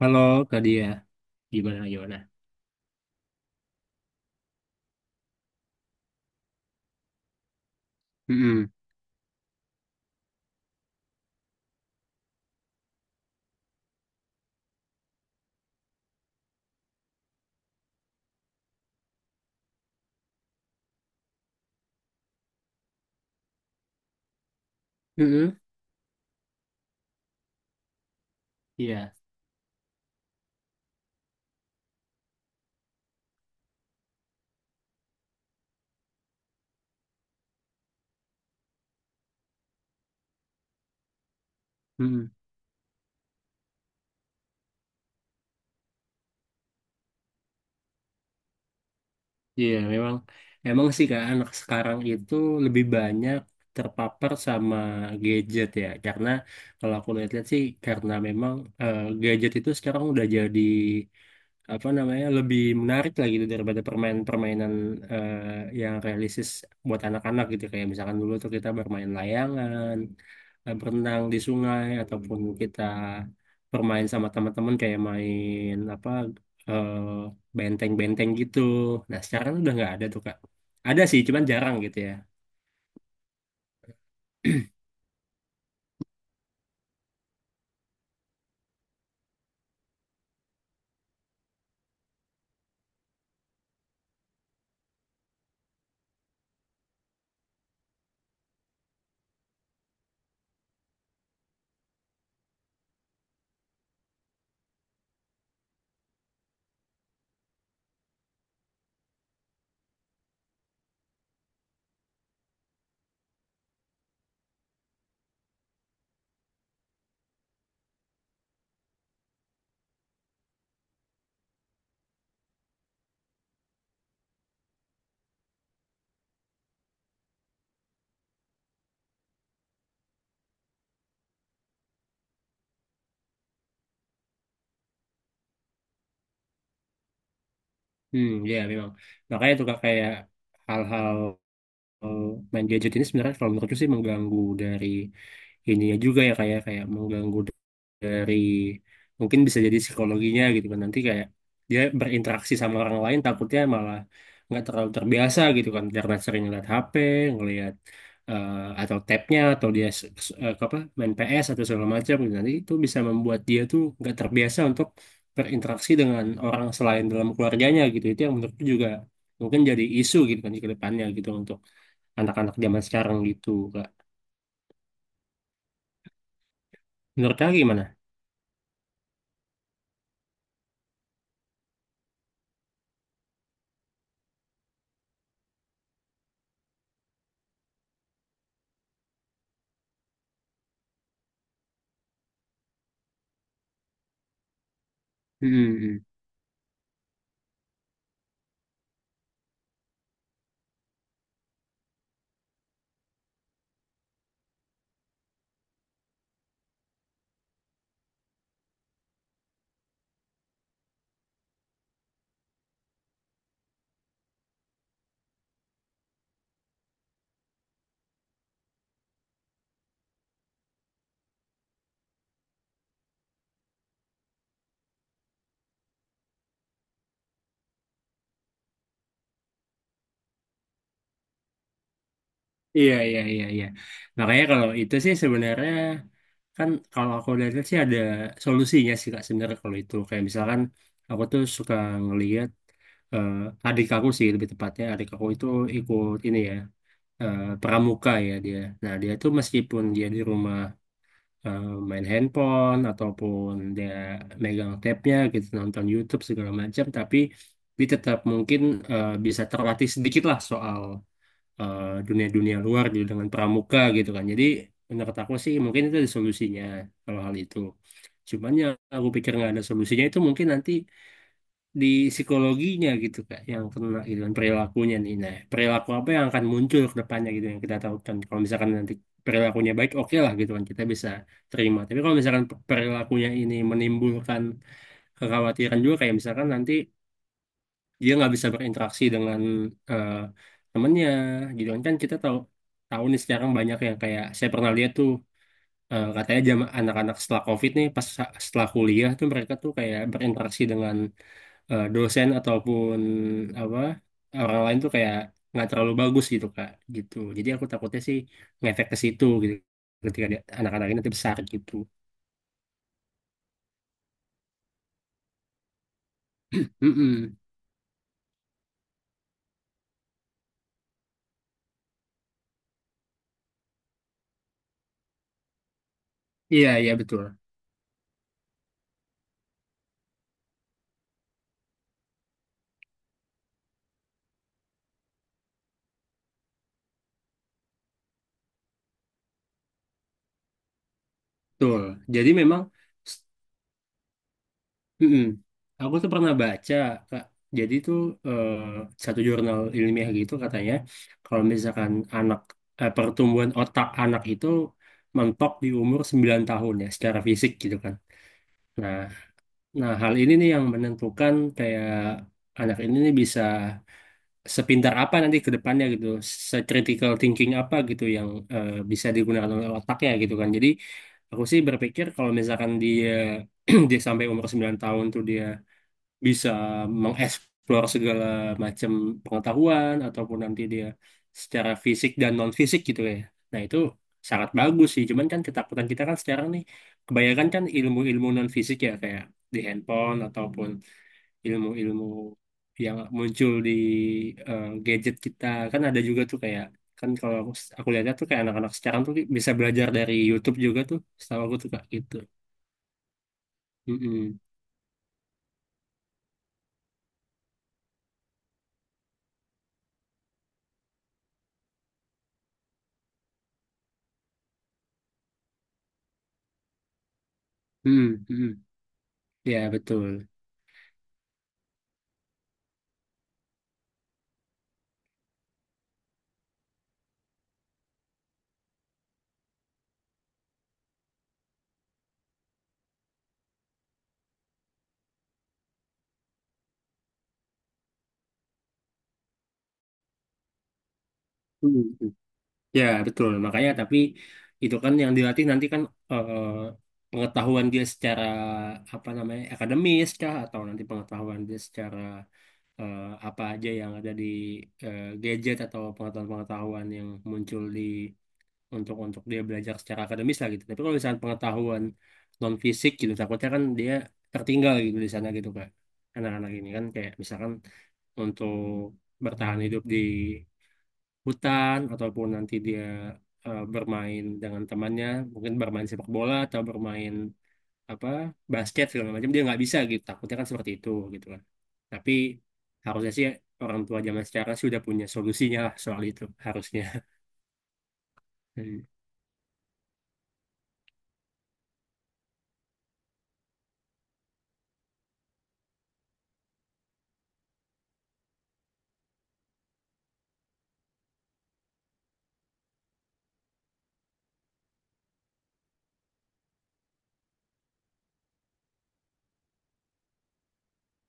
Halo Kak Dia, gimana gimana? Mm-mm. Mm-mm. Iya. Mm-mm. Iya memang, emang sih Kak anak sekarang itu lebih banyak terpapar sama gadget ya. Karena kalau aku lihat-lihat sih karena memang gadget itu sekarang udah jadi apa namanya lebih menarik lah gitu daripada permainan-permainan eh, yang realistis buat anak-anak gitu kayak misalkan dulu tuh kita bermain layangan, berenang di sungai ataupun kita bermain sama teman-teman kayak main apa, eh, benteng-benteng gitu. Nah sekarang udah nggak ada tuh Kak. Ada sih cuman jarang gitu ya. Hmm, ya memang. Makanya tuh Kak, kayak hal-hal, eh, main gadget ini sebenarnya kalau menurutku sih mengganggu dari ininya juga ya, kayak kayak mengganggu dari mungkin bisa jadi psikologinya gitu kan, nanti kayak dia berinteraksi sama orang lain takutnya malah nggak terlalu terbiasa gitu kan karena sering ngeliat HP, ngeliat, eh, atau tabnya atau dia apa main PS atau segala macam gitu. Nanti itu bisa membuat dia tuh nggak terbiasa untuk berinteraksi dengan orang selain dalam keluarganya gitu, itu yang menurutku juga mungkin jadi isu gitu kan di kedepannya gitu untuk anak-anak zaman sekarang gitu kak. Menurut kak gimana? Hmm. Iya, iya, iya, iya. Makanya kalau itu sih sebenarnya, kan kalau aku lihat sih ada solusinya sih Kak sebenarnya kalau itu. Kayak misalkan aku tuh suka ngelihat, eh, adik aku sih lebih tepatnya, adik aku itu ikut ini ya, pramuka ya dia. Nah dia tuh meskipun dia di rumah eh, main handphone ataupun dia megang tabnya gitu nonton YouTube segala macam, tapi dia tetap mungkin bisa terlatih sedikit lah soal dunia-dunia luar gitu dengan pramuka gitu kan. Jadi menurut aku sih mungkin itu ada solusinya kalau hal itu. Cuman yang aku pikir nggak ada solusinya itu mungkin nanti di psikologinya gitu kak yang kena gitu kan, perilakunya nih. Nah perilaku apa yang akan muncul ke depannya gitu yang kita tahu kan, kalau misalkan nanti perilakunya baik oke lah gitu kan kita bisa terima. Tapi kalau misalkan perilakunya ini menimbulkan kekhawatiran juga, kayak misalkan nanti dia nggak bisa berinteraksi dengan eh, temennya gitu kan. Kan kita tahu tahu nih sekarang banyak yang kayak saya pernah lihat tuh, katanya jam anak-anak setelah COVID nih pas setelah kuliah tuh mereka tuh kayak berinteraksi dengan dosen ataupun apa orang lain tuh kayak nggak terlalu bagus gitu Kak, gitu jadi aku takutnya sih ngefek ke situ gitu ketika anak-anak ini nanti besar gitu. Mm-mm. Iya, iya betul. Betul, jadi memang. Mm-mm. Aku tuh pernah baca, Kak. Jadi tuh eh, satu jurnal ilmiah gitu katanya kalau misalkan anak, pertumbuhan otak anak itu mentok di umur 9 tahun ya, secara fisik gitu kan. Nah, nah hal ini nih yang menentukan kayak anak ini nih bisa sepintar apa nanti ke depannya gitu, se-critical thinking apa gitu yang bisa digunakan oleh otaknya gitu kan. Jadi aku sih berpikir kalau misalkan dia dia sampai umur 9 tahun tuh dia bisa mengeksplor segala macam pengetahuan ataupun nanti dia secara fisik dan non fisik gitu ya. Nah itu sangat bagus sih. Cuman kan ketakutan kita kan sekarang nih kebanyakan kan ilmu-ilmu non fisik ya kayak di handphone ataupun ilmu-ilmu yang muncul di gadget kita, kan ada juga tuh kayak kan kalau aku lihatnya tuh kayak anak-anak sekarang tuh bisa belajar dari YouTube juga tuh, setahu aku tuh kayak gitu. Mm-mm. Mm-mm. Mm-mm. Ya betul. Mm-mm. Ya, betul. Makanya tapi itu kan yang dilatih nanti kan eh, pengetahuan dia secara apa namanya, akademis kah atau nanti pengetahuan dia secara eh, apa aja yang ada di gadget, atau pengetahuan-pengetahuan yang muncul di untuk dia belajar secara akademis lah gitu. Tapi kalau misalnya pengetahuan non fisik gitu takutnya kan dia tertinggal gitu di sana gitu Kak. Anak-anak ini kan kayak misalkan untuk bertahan hidup di hutan ataupun nanti dia bermain dengan temannya mungkin bermain sepak bola atau bermain apa, basket segala macam, dia nggak bisa gitu, takutnya kan seperti itu gitu kan, tapi harusnya sih orang tua zaman sekarang sudah punya solusinya lah soal itu harusnya. Hmm,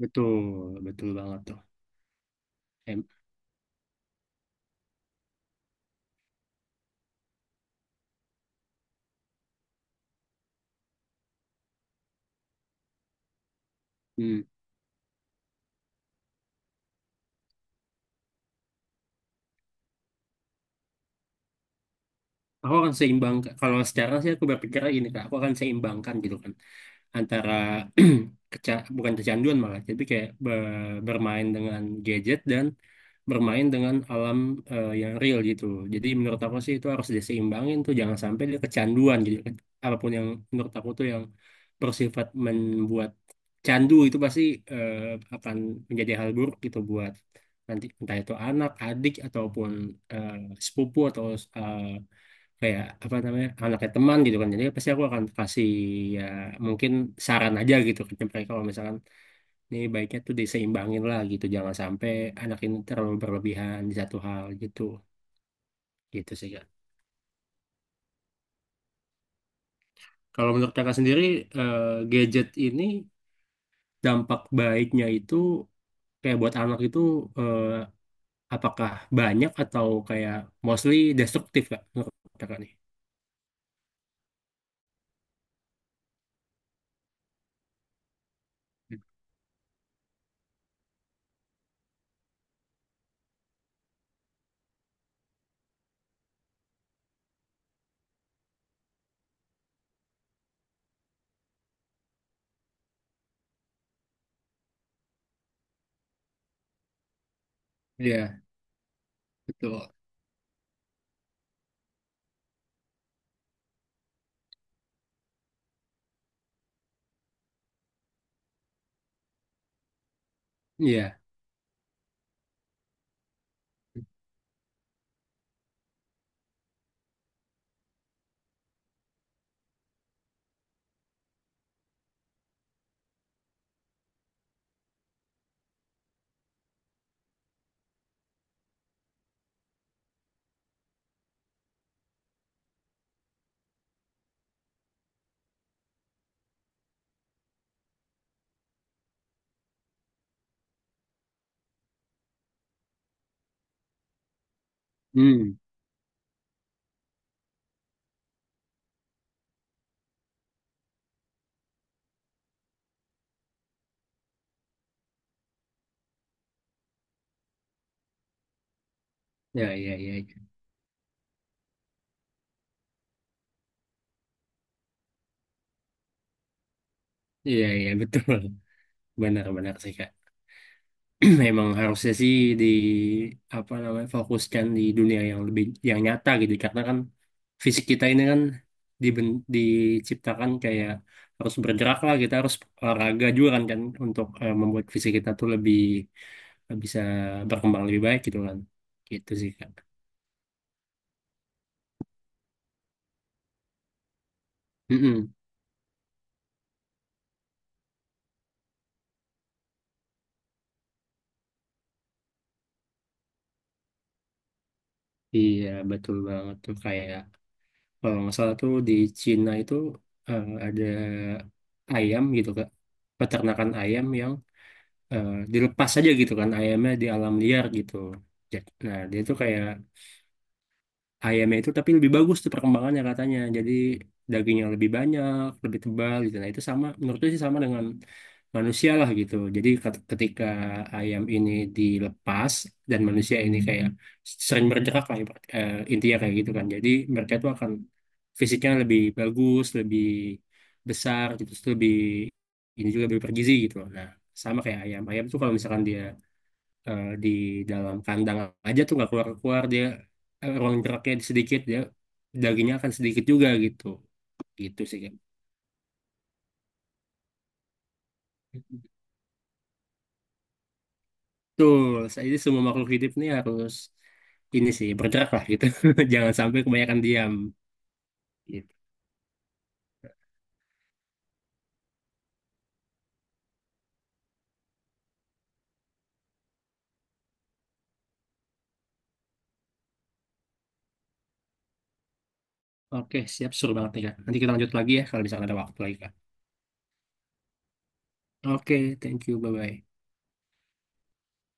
betul, betul banget tuh. Em- hmm. Aku akan seimbang, kalau sekarang sih aku berpikirnya gini kak, aku akan seimbangkan gitu kan, antara bukan kecanduan malah, tapi kayak bermain dengan gadget dan bermain dengan alam yang real gitu. Jadi menurut aku sih itu harus diseimbangin tuh, jangan sampai dia kecanduan. Jadi apapun yang menurut aku tuh yang bersifat membuat candu itu pasti eh, akan menjadi hal buruk gitu buat nanti entah itu anak, adik ataupun eh, sepupu atau eh, kayak apa namanya anaknya teman gitu kan, jadi pasti aku akan kasih ya mungkin saran aja gitu ke mereka kalau misalkan ini baiknya tuh diseimbangin lah gitu, jangan sampai anak ini terlalu berlebihan di satu hal gitu, gitu sih Kak. Kalau menurut kakak sendiri eh, gadget ini dampak baiknya itu kayak buat anak itu eh, apakah banyak atau kayak mostly destruktif kak, menurut kakak nih? Iya betul. Iya. Hmm. Ya, ya, ya, ya, ya betul. Benar-benar sih Kak. Memang harusnya sih di apa namanya fokuskan di dunia yang lebih yang nyata gitu, karena kan fisik kita ini kan diciptakan kayak harus bergerak lah, kita harus olahraga juga kan, kan untuk membuat fisik kita tuh lebih bisa berkembang lebih baik gitu kan. Gitu sih Kak. Mm-mm. Iya betul banget tuh kayak kalau nggak salah tuh di Cina itu ada ayam gitu Kak. Peternakan ayam yang dilepas aja gitu kan ayamnya di alam liar gitu. Ja- Nah, dia tuh kayak ayamnya itu tapi lebih bagus tuh perkembangannya katanya. Jadi dagingnya lebih banyak, lebih tebal gitu. Nah, itu sama menurutku sih sama dengan manusia lah gitu. Jadi ketika ayam ini dilepas dan manusia ini kayak sering bergerak lah, intinya kayak gitu kan. Jadi mereka itu akan fisiknya lebih bagus, lebih besar gitu, terus lebih ini juga lebih bergizi gitu loh. Nah, sama kayak ayam. Ayam tuh kalau misalkan dia di dalam kandang aja tuh nggak keluar-keluar, dia ruang geraknya sedikit, dia dagingnya akan sedikit juga gitu, gitu sih Kak. Betul, saya ini semua makhluk hidup nih harus ini sih bergerak lah gitu. Jangan sampai kebanyakan diam gitu. Oke, siap suruh banget nih Kak. Nanti kita lanjut lagi ya kalau misalkan ada waktu lagi Kak. Oke, thank you, bye-bye.